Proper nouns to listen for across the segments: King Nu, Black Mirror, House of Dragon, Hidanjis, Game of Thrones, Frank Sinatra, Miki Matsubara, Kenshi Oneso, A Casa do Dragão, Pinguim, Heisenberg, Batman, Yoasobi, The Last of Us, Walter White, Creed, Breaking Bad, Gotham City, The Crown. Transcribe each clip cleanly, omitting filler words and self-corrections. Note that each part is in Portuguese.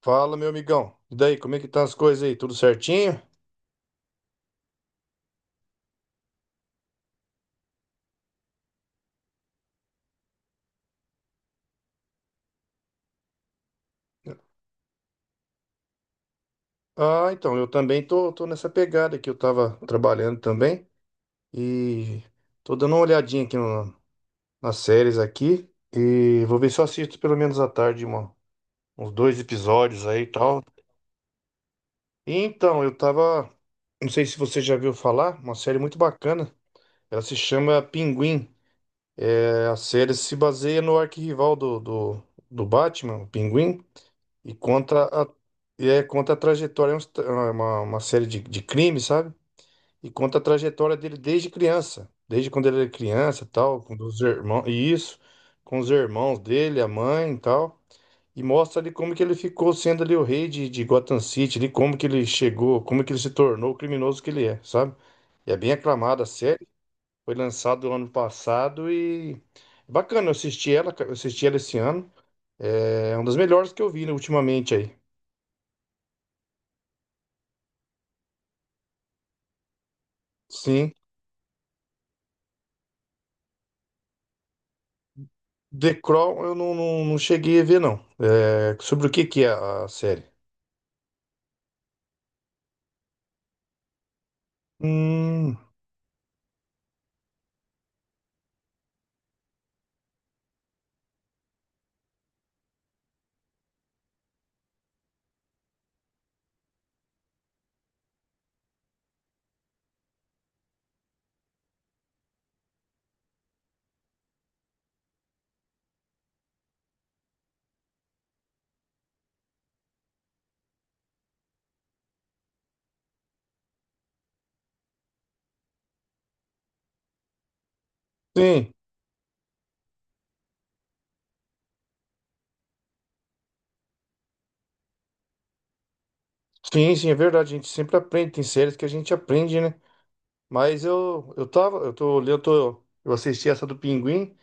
Fala, meu amigão. E daí, como é que tá as coisas aí? Tudo certinho? Ah, então, eu também tô nessa pegada aqui. Eu tava trabalhando também e tô dando uma olhadinha aqui nas séries aqui e vou ver se eu assisto pelo menos à tarde uns dois episódios aí e tal. E então, não sei se você já viu falar, uma série muito bacana. Ela se chama Pinguim. É, a série se baseia no arquirrival do Batman, o Pinguim. E conta a, conta a trajetória, é uma série de crimes, sabe? E conta a trajetória dele desde criança, desde quando ele era criança, tal, com os irmãos dele, a mãe, e tal. E mostra ali como que ele ficou sendo ali o rei de Gotham City, ali como que ele chegou, como que ele se tornou o criminoso que ele é, sabe? E é bem aclamada a série, foi lançado ano passado e bacana, eu assisti ela esse ano. É uma das melhores que eu vi, né, ultimamente aí. Sim. The Crown eu não cheguei a ver, não. É, sobre o que que é a série? Hum, sim, sim, sim, é verdade. A gente sempre aprende, tem séries que a gente aprende, né? Mas eu tava, eu tô, eu tô, eu assisti essa do Pinguim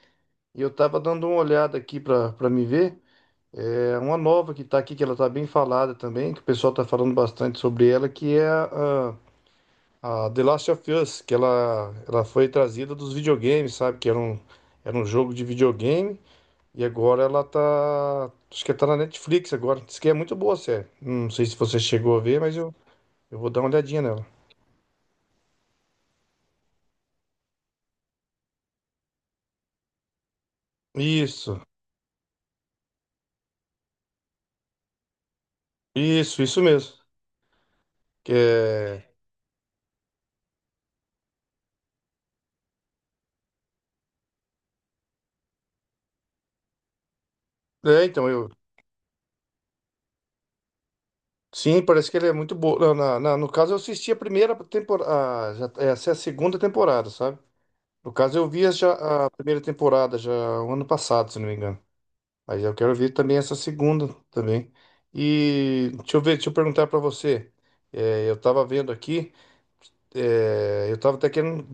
e eu tava dando uma olhada aqui pra me ver. É uma nova que tá aqui, que ela tá bem falada também, que o pessoal tá falando bastante sobre ela, que é a The Last of Us, que ela foi trazida dos videogames, sabe? Que era um jogo de videogame. E agora ela tá. Acho que tá na Netflix agora. Diz que é muito boa a série. Não sei se você chegou a ver, mas eu vou dar uma olhadinha nela. Isso, isso mesmo. Que é... é, então, eu. Sim, parece que ele é muito boa. No caso, eu assisti a primeira temporada. Já, essa é a segunda temporada, sabe? No caso, eu vi já a primeira temporada já o ano passado, se não me engano. Mas eu quero ver também essa segunda também. E deixa eu perguntar pra você. É, eu tava vendo aqui. É, eu tava até querendo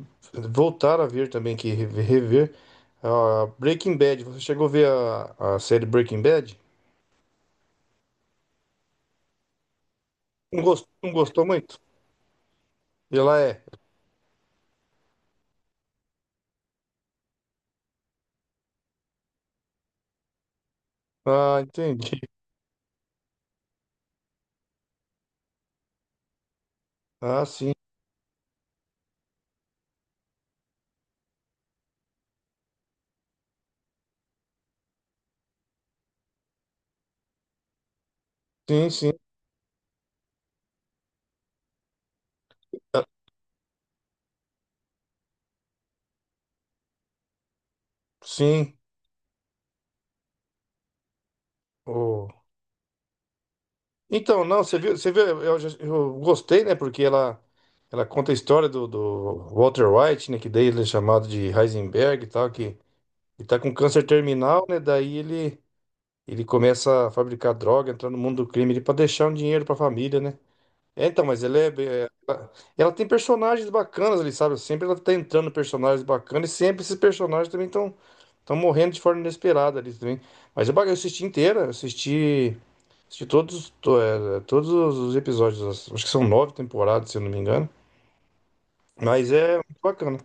voltar a ver também, que rever, Breaking Bad. Você chegou a ver a série Breaking Bad? Não gostou, não gostou muito? Ela é. Ah, entendi. Ah, sim, sim, sim, ah, sim. Oh. Então, não, você viu, eu gostei, né? Porque ela conta a história do Walter White, né? Que daí ele é chamado de Heisenberg e tal, que ele tá com câncer terminal, né? Daí ele. Ele começa a fabricar droga, entrar no mundo do crime, ele para deixar um dinheiro para a família, né? Mas ele é, bem- é- ela ela tem personagens bacanas ali, sabe? Sempre ela tá entrando personagens bacanas e sempre esses personagens também estão morrendo de forma inesperada ali também. Mas eu assisti inteira, assisti todos, todos os episódios, acho que são nove temporadas, se eu não me engano. Mas é muito bacana.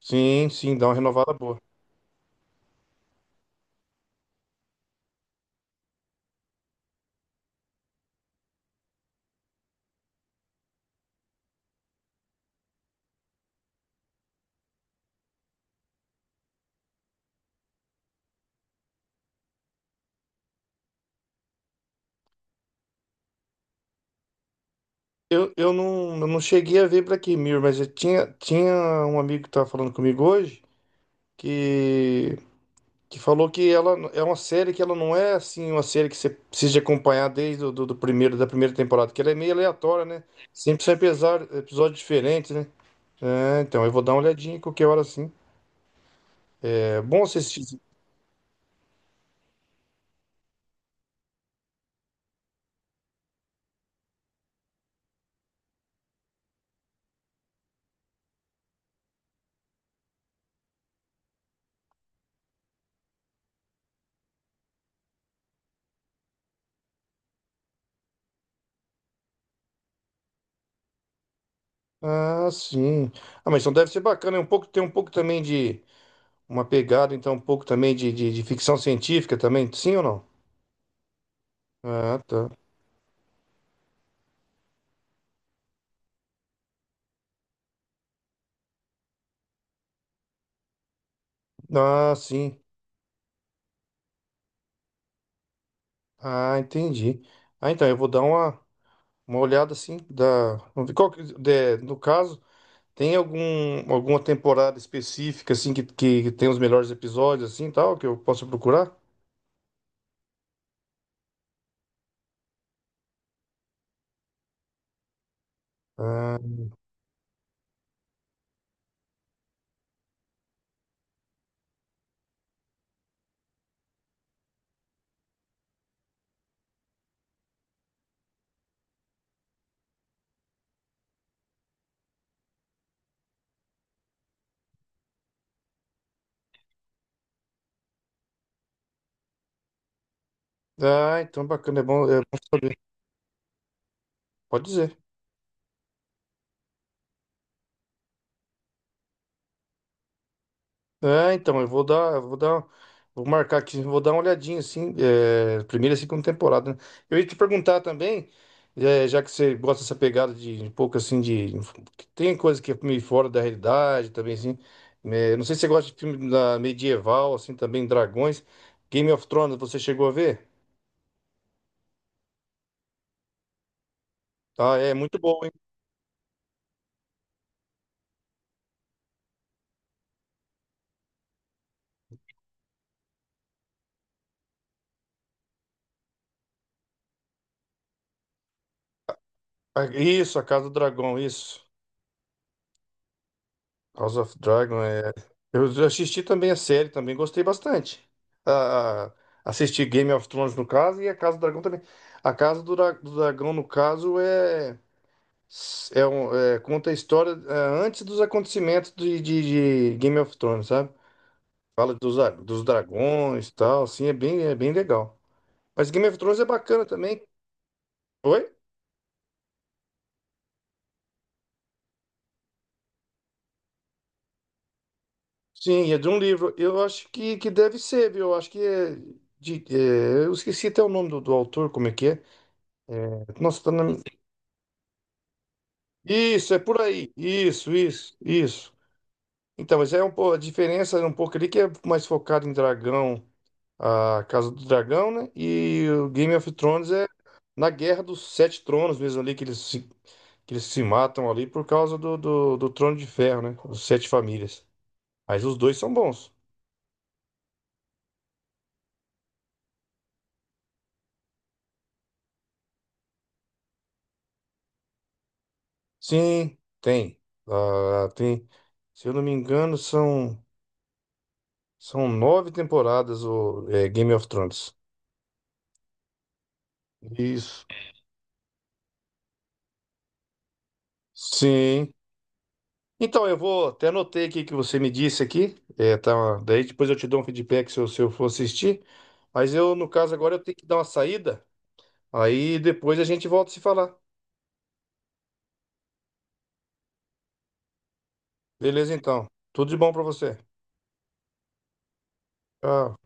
Sim, sim, dá uma renovada boa. Eu não cheguei a ver Black Mirror, mas eu tinha um amigo que estava falando comigo hoje. que, que falou que ela é uma série que ela não é assim uma série que você precisa de acompanhar desde o do primeiro da primeira temporada, que ela é meio aleatória, né? Sempre são episódios diferentes, né? É, então eu vou dar uma olhadinha qualquer hora assim. É bom assistir. Ah, sim. Ah, mas então deve ser bacana, é um pouco tem um pouco também de uma pegada, então um pouco também de ficção científica também, sim ou não? Ah, tá. Ah, sim. Ah, entendi. Ah, então eu vou dar uma olhada assim da. Vamos ver qual que, no caso, tem alguma temporada específica assim que tem os melhores episódios assim tal que eu posso procurar? Ah, ah, então bacana, é bom saber. Pode dizer. É, então, vou marcar aqui, vou dar uma olhadinha, assim, é, primeira e segunda temporada, né? Eu ia te perguntar também, já que você gosta dessa pegada de um pouco, assim, de... que tem coisa que é meio fora da realidade também, assim, né? Não sei se você gosta de filme da medieval, assim, também, dragões. Game of Thrones, você chegou a ver? Ah, é muito bom, hein? Ah, isso, A Casa do Dragão, isso. House of Dragon é. Eu já assisti também a série, também gostei bastante. A- a- assisti Game of Thrones no caso e a Casa do Dragão também. A Casa do Dragão no caso conta a história antes dos acontecimentos de Game of Thrones, sabe? Fala dos dragões e tal, assim, é bem legal. Mas Game of Thrones é bacana também. Oi? Sim, é de um livro. Eu acho que deve ser, viu? Eu acho que é eu esqueci até o nome do autor, como é que é. Nossa, tá na... Isso, é por aí. Isso, isso, isso. Então, mas a diferença é um pouco ali que é mais focado em dragão, a Casa do Dragão, né? E o Game of Thrones é na Guerra dos Sete Tronos mesmo ali, que eles se matam ali por causa do Trono de Ferro, né? Os Sete Famílias. Mas os dois são bons. Sim, tem. Ah, tem. Se eu não me engano, são nove temporadas Game of Thrones. Isso. Sim. Então, eu vou até anotei aqui que você me disse aqui. É, tá, daí depois eu te dou um feedback se eu for assistir. Mas eu, no caso, agora eu tenho que dar uma saída. Aí depois a gente volta a se falar. Beleza, então. Tudo de bom pra você. Tchau.